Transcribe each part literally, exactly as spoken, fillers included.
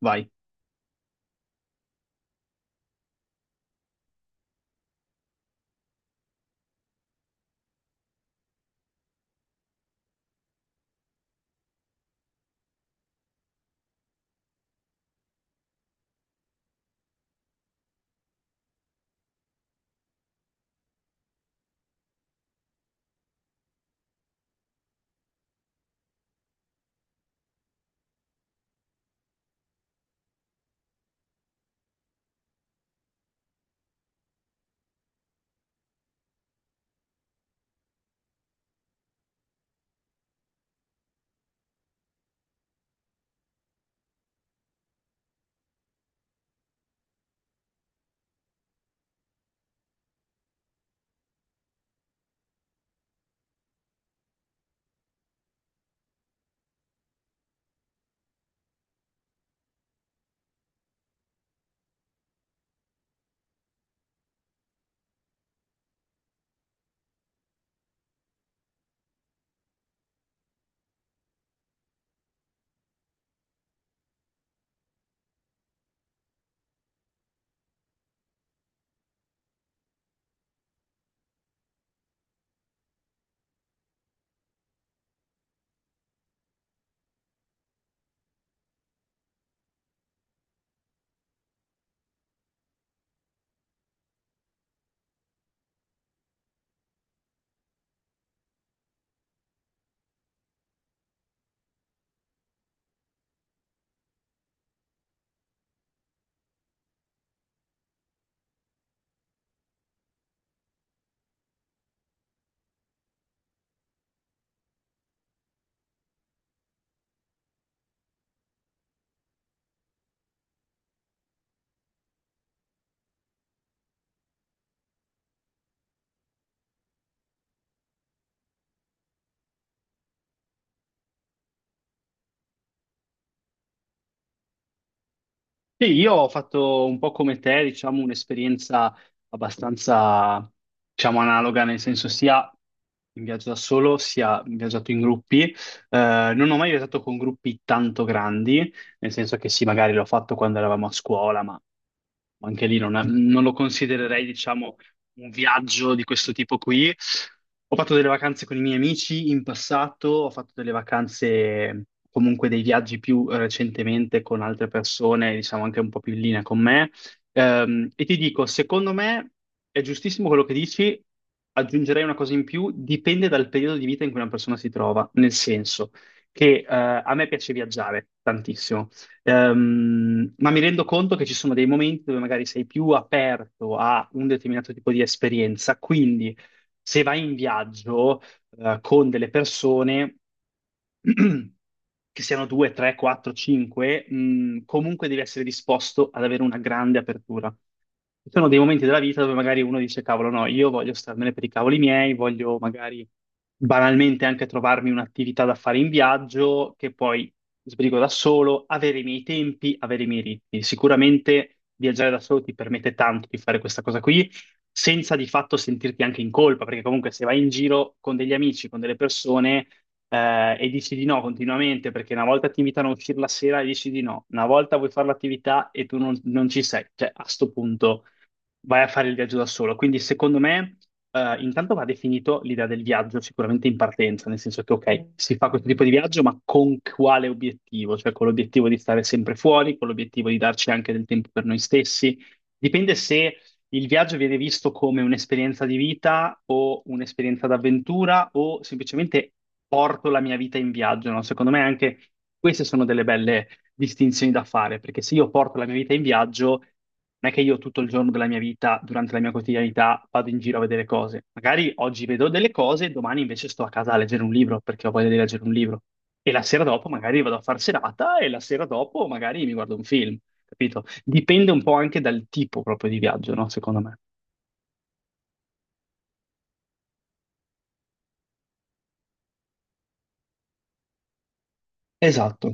Vai. Sì, io ho fatto un po' come te, diciamo, un'esperienza abbastanza, diciamo, analoga, nel senso sia in viaggio da solo, sia in viaggiato in gruppi. Eh, non ho mai viaggiato con gruppi tanto grandi, nel senso che sì, magari l'ho fatto quando eravamo a scuola, ma anche lì non, non lo considererei, diciamo, un viaggio di questo tipo qui. Ho fatto delle vacanze con i miei amici in passato, ho fatto delle vacanze, comunque dei viaggi più eh, recentemente con altre persone, diciamo anche un po' più in linea con me. Ehm, e ti dico, secondo me è giustissimo quello che dici, aggiungerei una cosa in più, dipende dal periodo di vita in cui una persona si trova, nel senso che eh, a me piace viaggiare tantissimo. Ehm, ma mi rendo conto che ci sono dei momenti dove magari sei più aperto a un determinato tipo di esperienza, quindi se vai in viaggio eh, con delle persone che siano due, tre, quattro, cinque, mh, comunque devi essere disposto ad avere una grande apertura. Ci sono dei momenti della vita dove magari uno dice, cavolo, no, io voglio starmene per i cavoli miei, voglio magari banalmente anche trovarmi un'attività da fare in viaggio, che poi sbrigo da solo, avere i miei tempi, avere i miei ritmi. Sicuramente viaggiare da solo ti permette tanto di fare questa cosa qui, senza di fatto sentirti anche in colpa, perché comunque se vai in giro con degli amici, con delle persone eh, e dici di no continuamente perché una volta ti invitano a uscire la sera e dici di no, una volta vuoi fare l'attività e tu non, non ci sei, cioè a sto punto vai a fare il viaggio da solo. Quindi secondo me eh, intanto va definito l'idea del viaggio sicuramente in partenza, nel senso che ok, si fa questo tipo di viaggio, ma con quale obiettivo? Cioè con l'obiettivo di stare sempre fuori, con l'obiettivo di darci anche del tempo per noi stessi. Dipende se il viaggio viene visto come un'esperienza di vita o un'esperienza d'avventura o semplicemente porto la mia vita in viaggio, no? Secondo me anche queste sono delle belle distinzioni da fare, perché se io porto la mia vita in viaggio, non è che io tutto il giorno della mia vita, durante la mia quotidianità, vado in giro a vedere cose. Magari oggi vedo delle cose, domani invece sto a casa a leggere un libro, perché ho voglia di leggere un libro. E la sera dopo magari vado a far serata e la sera dopo magari mi guardo un film, capito? Dipende un po' anche dal tipo proprio di viaggio, no? Secondo me. Esatto.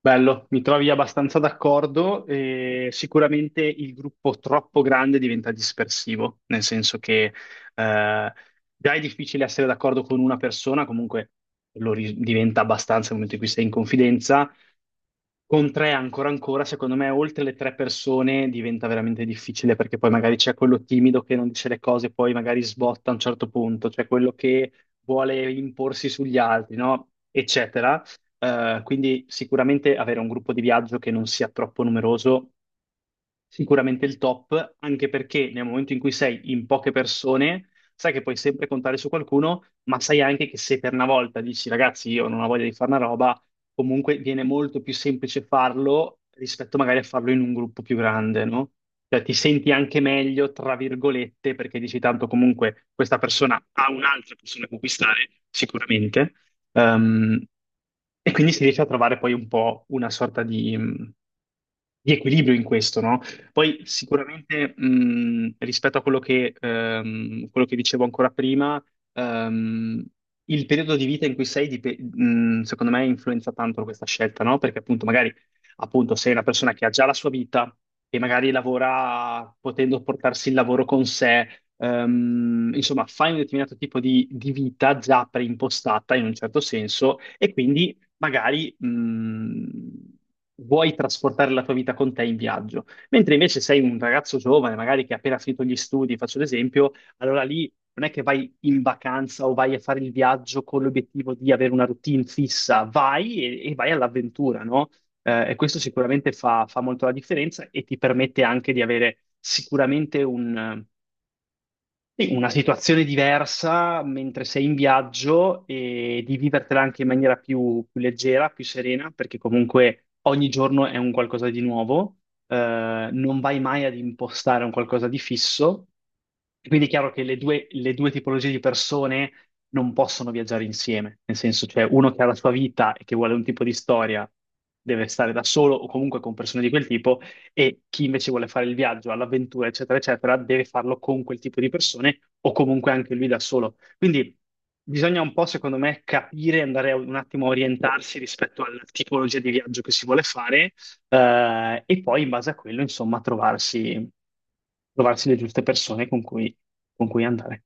Bello, mi trovi abbastanza d'accordo. E sicuramente il gruppo troppo grande diventa dispersivo, nel senso che eh, già è difficile essere d'accordo con una persona, comunque lo ri- diventa abbastanza nel momento in cui sei in confidenza. Con tre ancora ancora, secondo me, oltre le tre persone diventa veramente difficile perché poi magari c'è quello timido che non dice le cose, poi magari sbotta a un certo punto, c'è quello che vuole imporsi sugli altri, no? Eccetera. Eh, quindi sicuramente avere un gruppo di viaggio che non sia troppo numeroso sicuramente il top, anche perché nel momento in cui sei in poche persone, sai che puoi sempre contare su qualcuno, ma sai anche che se per una volta dici ragazzi, io non ho voglia di fare una roba, comunque viene molto più semplice farlo rispetto magari a farlo in un gruppo più grande, no? Cioè ti senti anche meglio, tra virgolette, perché dici tanto comunque questa persona ha un'altra persona con cui stare, sicuramente. Ehm, e quindi si riesce a trovare poi un po' una sorta di, mm, di equilibrio in questo, no? Poi sicuramente mh, rispetto a quello che, ehm, quello che dicevo ancora prima, ehm, il periodo di vita in cui sei, dip- mh, secondo me, influenza tanto questa scelta, no? Perché appunto magari appunto, sei una persona che ha già la sua vita e magari lavora potendo portarsi il lavoro con sé, ehm, insomma, fai un determinato tipo di, di vita già preimpostata in un certo senso e quindi magari mh, vuoi trasportare la tua vita con te in viaggio. Mentre invece sei un ragazzo giovane, magari che ha appena finito gli studi, faccio l'esempio, allora lì non è che vai in vacanza o vai a fare il viaggio con l'obiettivo di avere una routine fissa, vai e, e vai all'avventura, no? Eh, e questo sicuramente fa, fa molto la differenza e ti permette anche di avere sicuramente un, sì, una situazione diversa mentre sei in viaggio e di vivertela anche in maniera più, più leggera, più serena, perché comunque ogni giorno è un qualcosa di nuovo, eh, non vai mai ad impostare un qualcosa di fisso. E quindi è chiaro che le due, le due tipologie di persone non possono viaggiare insieme, nel senso, cioè uno che ha la sua vita e che vuole un tipo di storia deve stare da solo o comunque con persone di quel tipo e chi invece vuole fare il viaggio, all'avventura, eccetera, eccetera, deve farlo con quel tipo di persone o comunque anche lui da solo. Quindi bisogna un po', secondo me, capire, andare a- un attimo a orientarsi rispetto alla tipologia di viaggio che si vuole fare eh, e poi in base a quello, insomma, trovarsi, trovarsi le giuste persone con cui con cui andare.